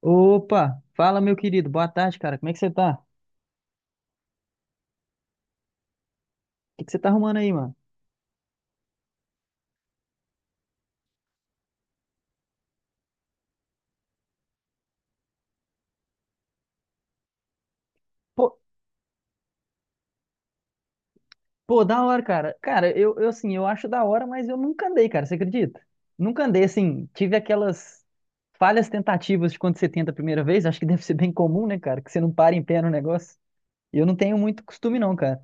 Opa, fala meu querido, boa tarde, cara. Como é que você tá? O que que você tá arrumando aí, mano? Pô, pô, da hora, cara. Cara, eu assim, eu acho da hora, mas eu nunca andei, cara, você acredita? Nunca andei, assim, tive aquelas falhas tentativas de quando você tenta a primeira vez, acho que deve ser bem comum, né, cara, que você não para em pé no negócio. E eu não tenho muito costume não, cara.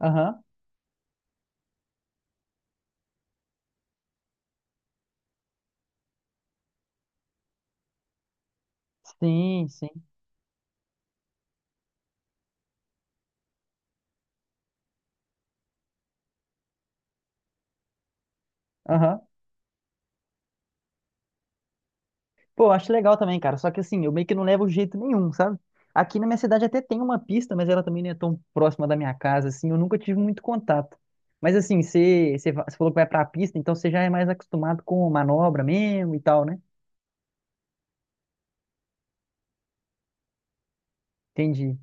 Aham. Sim, sim. Aham. Pô, eu acho legal também, cara. Só que assim, eu meio que não levo jeito nenhum, sabe? Aqui na minha cidade até tem uma pista, mas ela também não é tão próxima da minha casa, assim. Eu nunca tive muito contato. Mas assim, você falou que vai pra pista, então você já é mais acostumado com manobra mesmo e tal, né? Entendi.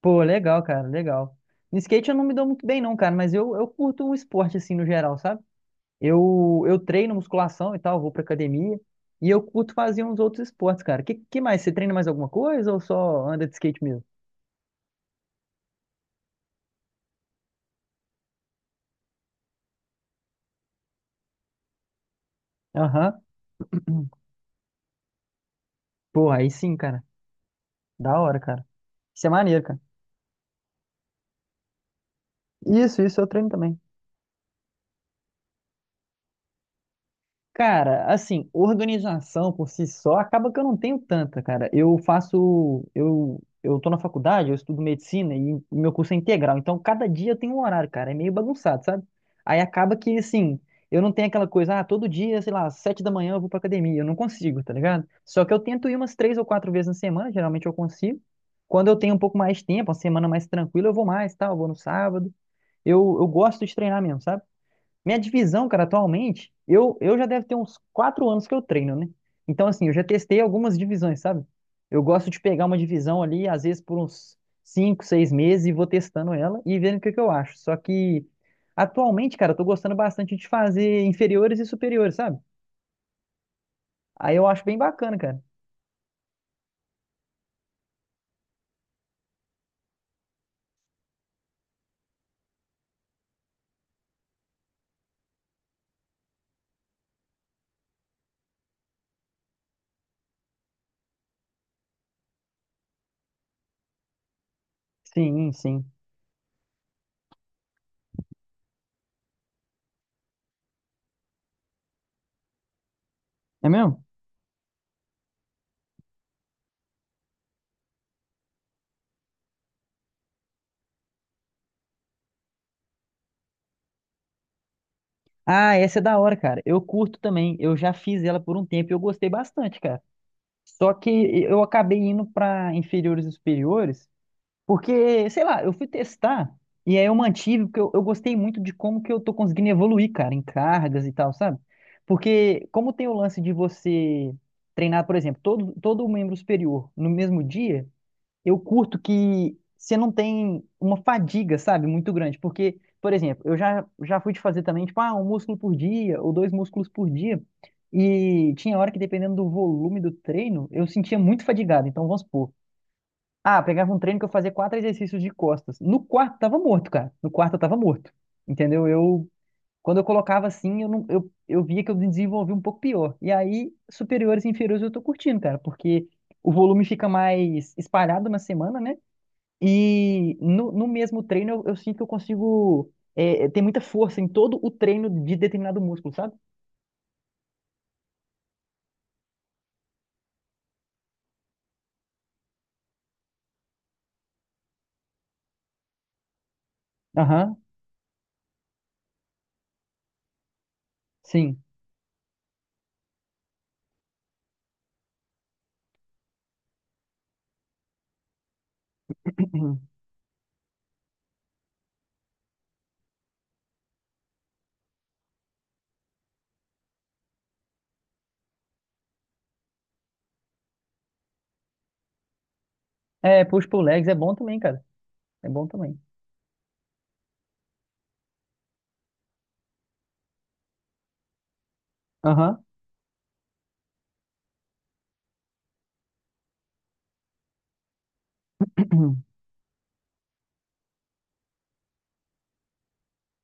Pô, legal, cara, legal. No skate eu não me dou muito bem, não, cara, mas eu curto o esporte, assim, no geral, sabe? Eu treino musculação e tal, vou pra academia. E eu curto fazer uns outros esportes, cara. Que mais? Você treina mais alguma coisa ou só anda de skate mesmo? Aham. Porra, aí sim, cara. Da hora, cara. Isso é maneiro, cara. Isso eu treino também. Cara, assim, organização por si só acaba que eu não tenho tanta, cara. Eu tô na faculdade, eu estudo medicina e o meu curso é integral, então cada dia eu tenho um horário, cara. É meio bagunçado, sabe? Aí acaba que, assim, eu não tenho aquela coisa, ah, todo dia, sei lá, às 7 da manhã eu vou pra academia. Eu não consigo, tá ligado? Só que eu tento ir umas 3 ou 4 vezes na semana, geralmente eu consigo. Quando eu tenho um pouco mais de tempo, uma semana mais tranquila, eu vou mais, tal, eu vou no sábado. Eu gosto de treinar mesmo, sabe? Minha divisão, cara, atualmente, eu já deve ter uns 4 anos que eu treino, né? Então, assim, eu já testei algumas divisões, sabe? Eu gosto de pegar uma divisão ali, às vezes por uns 5, 6 meses, e vou testando ela e vendo o que que eu acho. Só que, atualmente, cara, eu tô gostando bastante de fazer inferiores e superiores, sabe? Aí eu acho bem bacana, cara. Sim, sim. É mesmo? Ah, essa é da hora, cara. Eu curto também. Eu já fiz ela por um tempo e eu gostei bastante, cara. Só que eu acabei indo para inferiores e superiores, porque, sei lá, eu fui testar e aí eu mantive, porque eu gostei muito de como que eu tô conseguindo evoluir, cara, em cargas e tal, sabe? Porque como tem o lance de você treinar, por exemplo, todo membro superior no mesmo dia, eu curto que você não tem uma fadiga, sabe, muito grande. Porque, por exemplo, eu já fui de fazer também, tipo, ah, um músculo por dia ou dois músculos por dia. E tinha hora que, dependendo do volume do treino, eu sentia muito fadigado. Então, vamos supor. Ah, pegava um treino que eu fazia quatro exercícios de costas. No quarto tava morto, cara. No quarto eu tava morto. Entendeu? Eu, quando eu colocava assim, eu, não, eu via que eu desenvolvi um pouco pior. E aí, superiores e inferiores eu tô curtindo, cara, porque o volume fica mais espalhado na semana, né? E no mesmo treino eu sinto que eu consigo. É, tem muita força em todo o treino de determinado músculo, sabe? Aham, sim. É, push pull legs é bom também, cara. É bom também. Aham,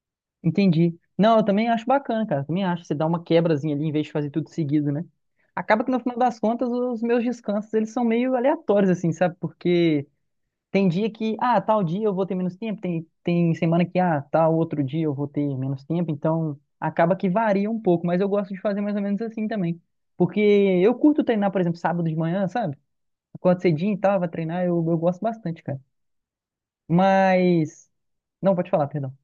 entendi. Não, eu também acho bacana, cara. Também acho. Você dá uma quebrazinha ali em vez de fazer tudo seguido, né? Acaba que no final das contas os meus descansos eles são meio aleatórios, assim, sabe? Porque. Tem dia que, ah, tal dia eu vou ter menos tempo, tem semana que, ah, tal outro dia eu vou ter menos tempo, então acaba que varia um pouco, mas eu gosto de fazer mais ou menos assim também. Porque eu curto treinar, por exemplo, sábado de manhã, sabe? Acordo cedinho e tal, vai treinar, eu gosto bastante, cara. Mas. Não, pode falar, perdão.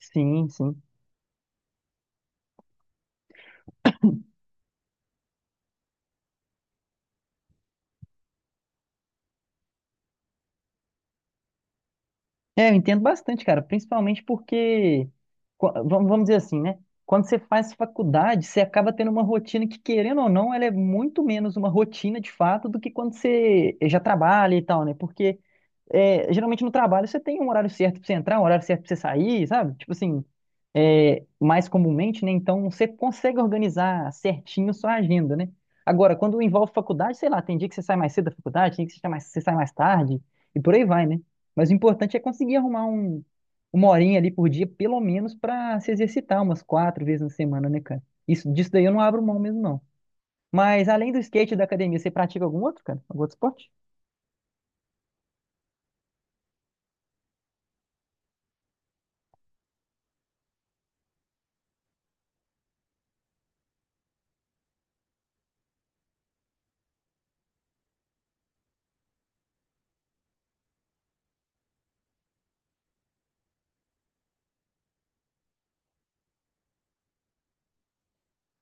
Sim, sim. É, eu entendo bastante, cara, principalmente porque, vamos dizer assim, né? Quando você faz faculdade, você acaba tendo uma rotina que, querendo ou não, ela é muito menos uma rotina de fato do que quando você já trabalha e tal, né? Porque é, geralmente no trabalho você tem um horário certo pra você entrar, um horário certo pra você sair, sabe? Tipo assim, é, mais comumente, né? Então você consegue organizar certinho sua agenda, né? Agora, quando envolve faculdade, sei lá, tem dia que você sai mais cedo da faculdade, tem dia que você sai mais tarde, e por aí vai, né? Mas o importante é conseguir arrumar um, uma horinha ali por dia, pelo menos, pra se exercitar umas 4 vezes na semana, né, cara? Isso, disso daí eu não abro mão mesmo, não. Mas além do skate e da academia, você pratica algum outro, cara? Algum outro esporte?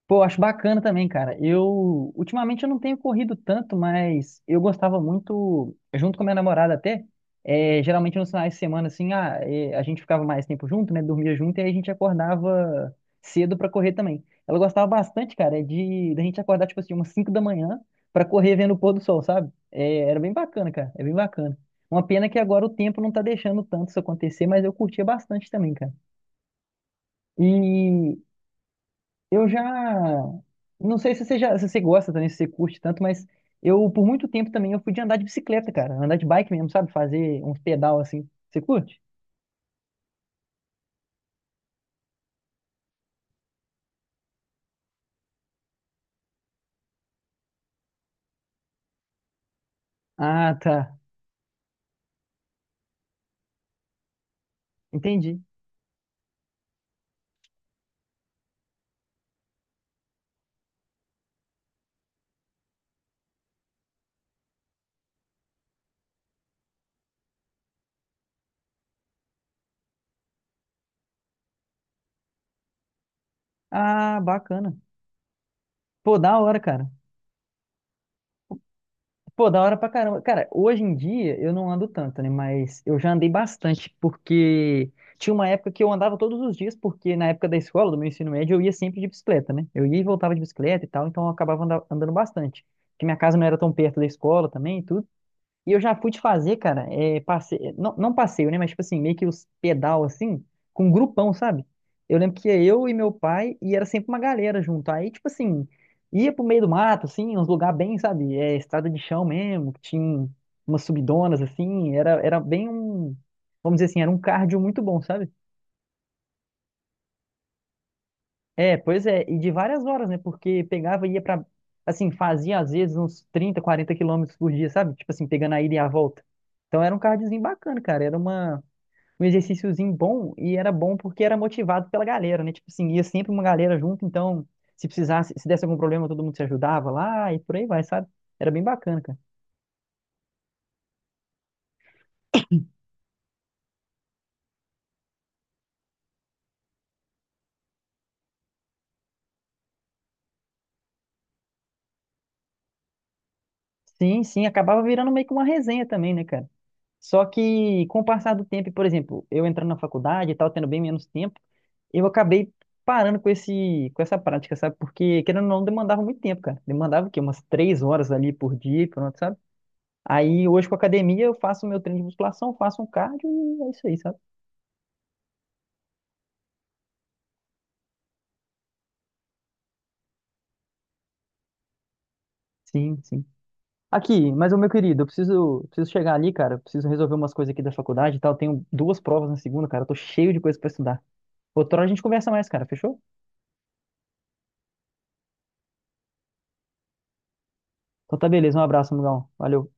Pô, acho bacana também, cara. Eu, ultimamente eu não tenho corrido tanto, mas eu gostava muito, junto com a minha namorada até, é, geralmente nos finais de semana, assim, ah, é, a gente ficava mais tempo junto, né, dormia junto, e aí a gente acordava cedo pra correr também. Ela gostava bastante, cara, de, da gente acordar, tipo assim, umas 5 da manhã pra correr vendo o pôr do sol, sabe? É, era bem bacana, cara, é bem bacana. Uma pena que agora o tempo não tá deixando tanto isso acontecer, mas eu curtia bastante também, cara. E eu já. Não sei se você, já, se você gosta também, se você curte tanto, mas eu, por muito tempo também, eu fui de andar de bicicleta, cara. Andar de bike mesmo, sabe? Fazer uns pedal assim. Você curte? Ah, tá. Entendi. Ah, bacana. Pô, da hora, cara. Pô, da hora pra caramba. Cara, hoje em dia eu não ando tanto, né? Mas eu já andei bastante, porque tinha uma época que eu andava todos os dias, porque na época da escola, do meu ensino médio, eu ia sempre de bicicleta, né? Eu ia e voltava de bicicleta e tal, então eu acabava andando bastante. Porque minha casa não era tão perto da escola também e tudo. E eu já fui de fazer, cara, é, não, não passeio, né? Mas, tipo assim, meio que os pedal, assim, com um grupão, sabe? Eu lembro que ia eu e meu pai, e era sempre uma galera junto. Aí, tipo assim, ia pro meio do mato, assim, uns lugares bem, sabe? É, estrada de chão mesmo, que tinha umas subidonas, assim. Era bem um, vamos dizer assim, era um cardio muito bom, sabe? É, pois é, e de várias horas, né? Porque pegava e ia pra. Assim, fazia às vezes uns 30, 40 quilômetros por dia, sabe? Tipo assim, pegando a ida e a volta. Então era um cardiozinho bacana, cara. Era uma, um exercíciozinho bom e era bom porque era motivado pela galera, né? Tipo assim, ia sempre uma galera junto, então se precisasse, se desse algum problema, todo mundo se ajudava lá e por aí vai, sabe? Era bem bacana, cara. Sim, sim, acabava virando meio que uma resenha também, né, cara? Só que com o passar do tempo, e, por exemplo, eu entrando na faculdade e tal, tendo bem menos tempo. Eu acabei parando com esse, com essa prática, sabe? Porque, querendo ou não, demandava muito tempo, cara. Demandava o quê? Umas 3 horas ali por dia, pronto, sabe? Aí, hoje com a academia, eu faço meu treino de musculação, faço um cardio e é isso aí, sabe? Sim, sim. Aqui, mas, ô meu querido, preciso chegar ali, cara. Eu preciso resolver umas coisas aqui da faculdade e tal. Tenho duas provas na segunda, cara. Eu tô cheio de coisa pra estudar. Outra hora a gente conversa mais, cara, fechou? Então tá beleza, um abraço, amigão. Valeu.